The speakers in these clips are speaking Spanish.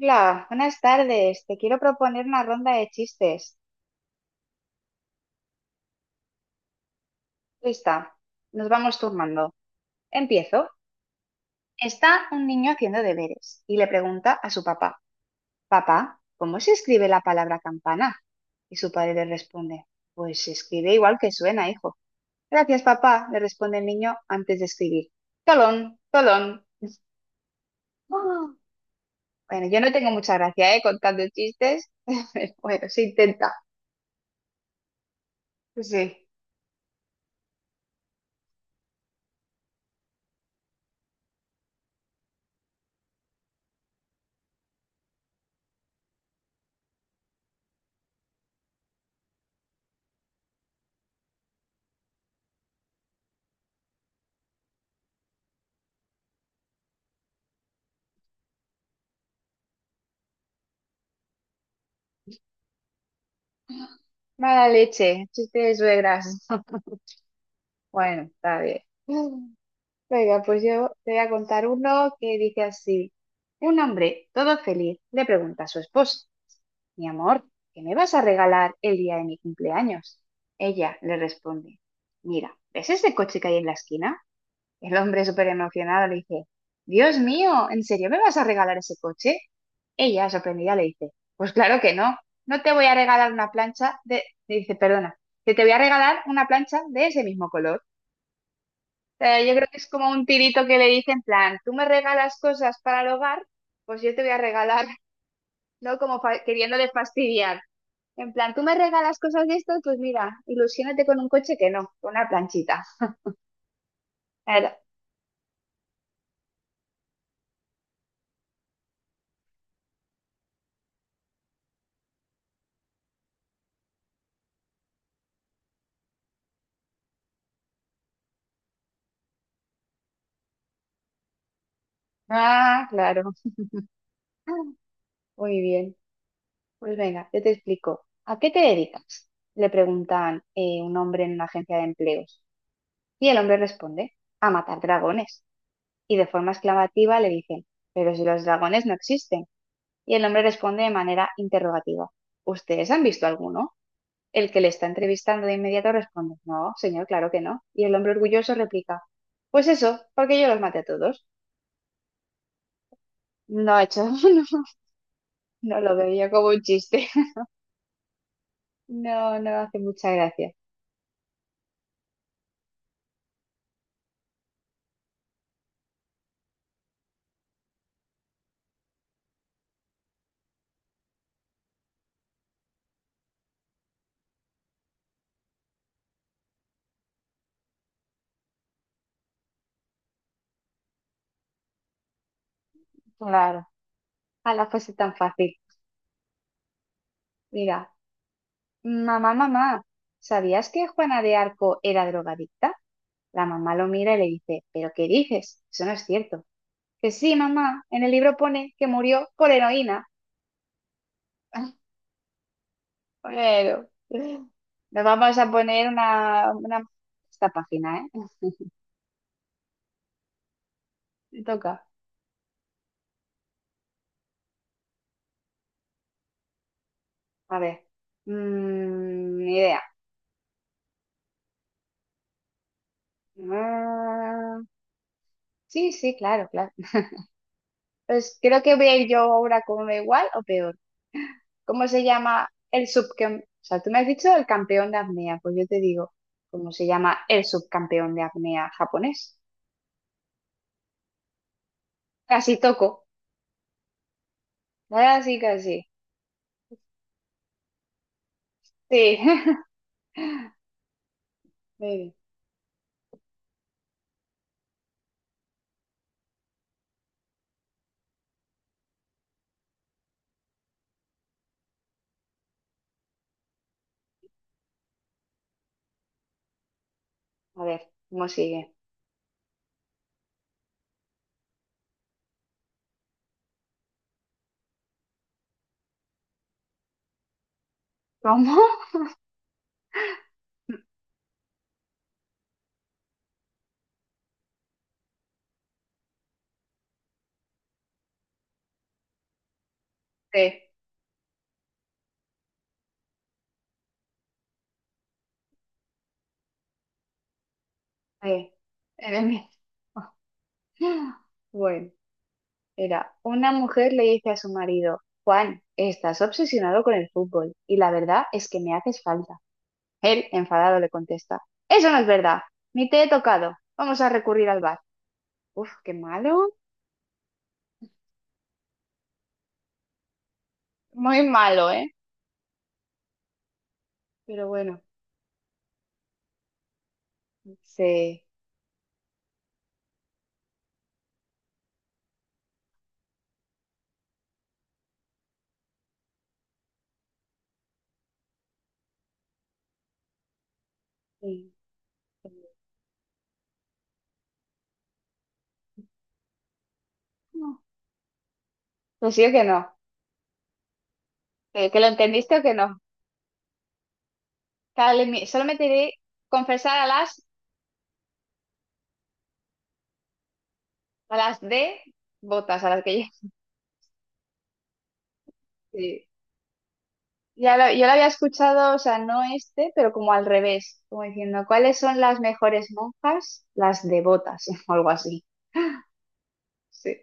Hola, buenas tardes. Te quiero proponer una ronda de chistes. Lista, nos vamos turnando. Empiezo. Está un niño haciendo deberes y le pregunta a su papá: papá, ¿cómo se escribe la palabra campana? Y su padre le responde: pues se escribe igual que suena, hijo. Gracias, papá, le responde el niño antes de escribir. Tolón, tolón. Ah. Bueno, yo no tengo mucha gracia, ¿eh? Contando chistes. Bueno, se intenta. Pues sí. Mala leche, chiste de suegras. Bueno, está bien. Venga, pues yo te voy a contar uno que dice así. Un hombre, todo feliz, le pregunta a su esposa: mi amor, ¿qué me vas a regalar el día de mi cumpleaños? Ella le responde: mira, ¿ves ese coche que hay en la esquina? El hombre súper emocionado le dice: Dios mío, ¿en serio me vas a regalar ese coche? Ella, sorprendida, le dice: pues claro que no, no te voy a regalar una plancha de... Le dice: perdona, que te voy a regalar una plancha de ese mismo color sea. Yo creo que es como un tirito que le dice en plan: tú me regalas cosas para el hogar, pues yo te voy a regalar, ¿no? Como queriéndole fastidiar. En plan: tú me regalas cosas de esto, pues mira, ilusiónate con un coche que no, con una planchita. Claro. Ah, claro. Ah, muy bien. Pues venga, yo te explico. ¿A qué te dedicas? Le preguntan un hombre en una agencia de empleos. Y el hombre responde: a matar dragones. Y de forma exclamativa le dicen: pero si los dragones no existen. Y el hombre responde de manera interrogativa: ¿ustedes han visto alguno? El que le está entrevistando de inmediato responde: no, señor, claro que no. Y el hombre orgulloso replica: pues eso, porque yo los maté a todos. No, hecho, no, no lo veo yo como un chiste. No, no hace mucha gracia. Claro, a la fuese tan fácil. Mira, mamá, mamá, ¿sabías que Juana de Arco era drogadicta? La mamá lo mira y le dice: ¿pero qué dices? Eso no es cierto. Que sí, mamá, en el libro pone que murió por heroína. Bueno, nos vamos a poner esta página, ¿eh? Te toca. A ver. Mm, ni idea. Mm, sí, sí, claro, claro. Pues creo que voy a ir yo ahora como igual o peor. ¿Cómo se llama el subcampeón? O sea, tú me has dicho el campeón de apnea, pues yo te digo: ¿cómo se llama el subcampeón de apnea japonés? Casi toco. Casi, casi. Sí. Muy bien. A ver, ¿cómo sigue? ¿Cómo? Sí. Sí, era el mismo. Bueno, era una mujer le dice a su marido: Juan, estás obsesionado con el fútbol y la verdad es que me haces falta. Él, enfadado, le contesta: eso no es verdad, ni te he tocado, vamos a recurrir al bar. Uf, qué malo, muy malo, ¿eh? Pero bueno, sí. Sí. Sí. No, pues sí o que no, que lo entendiste o que no. Dale, solo me tiré confesar a las de botas, a las que yo... Sí. Yo lo había escuchado, o sea, no este, pero como al revés, como diciendo: ¿cuáles son las mejores monjas? Las devotas, o algo así. Sí.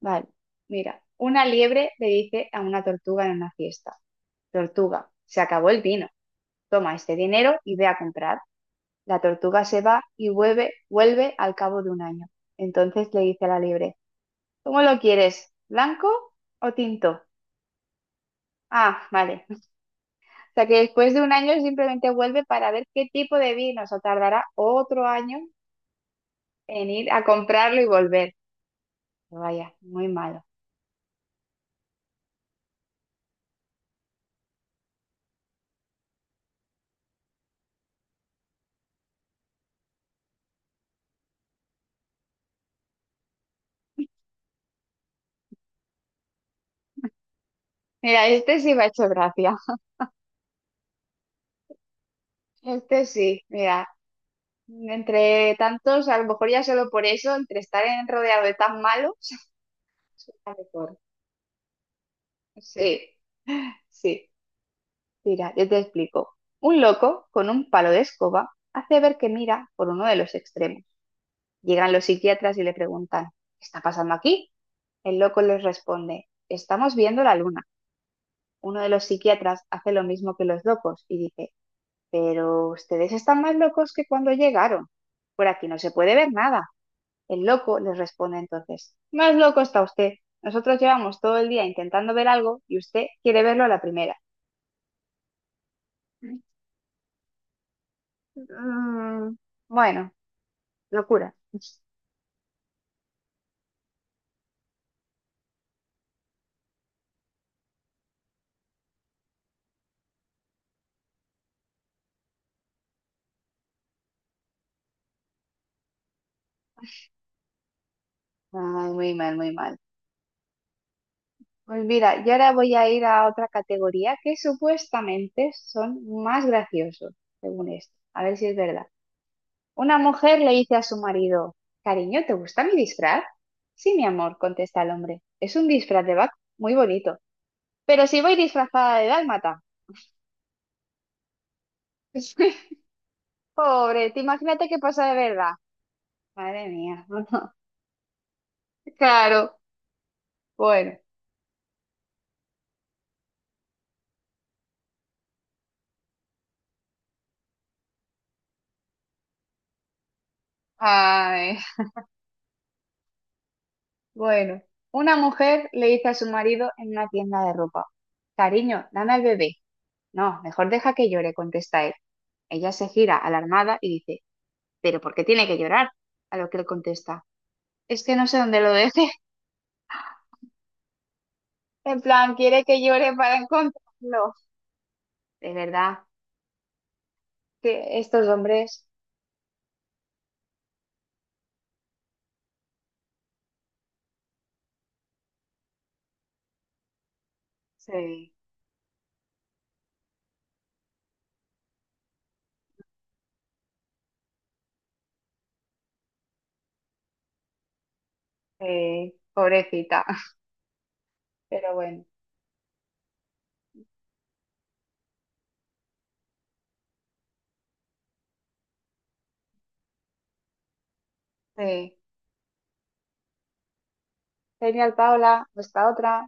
Vale, mira, una liebre le dice a una tortuga en una fiesta: tortuga, se acabó el vino, toma este dinero y ve a comprar. La tortuga se va y vuelve, vuelve al cabo de un año. Entonces le dice a la liebre: ¿cómo lo quieres? ¿Blanco o tinto? Ah, vale. O sea que después de un año simplemente vuelve para ver qué tipo de vino, o sea, tardará otro año en ir a comprarlo y volver. Vaya, muy malo. Mira, este sí me ha hecho gracia. Este sí, mira, entre tantos, a lo mejor ya solo por eso, entre rodeado de tan malos, suena mejor. Sí, sí. Mira, yo te explico. Un loco con un palo de escoba hace ver que mira por uno de los extremos. Llegan los psiquiatras y le preguntan: ¿qué está pasando aquí? El loco les responde: estamos viendo la luna. Uno de los psiquiatras hace lo mismo que los locos y dice: pero ustedes están más locos que cuando llegaron. Por aquí no se puede ver nada. El loco les responde entonces: más loco está usted. Nosotros llevamos todo el día intentando ver algo y usted quiere verlo a la primera. Mm, bueno, locura. Ay, muy mal, muy mal. Pues mira, yo ahora voy a ir a otra categoría que supuestamente son más graciosos, según esto. A ver si es verdad. Una mujer le dice a su marido: cariño, ¿te gusta mi disfraz? Sí, mi amor, contesta el hombre. Es un disfraz de vaca muy bonito. Pero si voy disfrazada de dálmata. Pobre, te imagínate qué pasa de verdad. Madre mía. Claro. Bueno. Ay, bueno. Una mujer le dice a su marido en una tienda de ropa: cariño, dame al bebé. No, mejor deja que llore, contesta él. Ella se gira alarmada y dice: ¿pero por qué tiene que llorar? A lo que él contesta: es que no sé dónde lo deje. En plan, quiere que llore para encontrarlo. De verdad, que estos hombres, sí, sí, pobrecita. Pero bueno, sí. Genial, Paula, pues otra.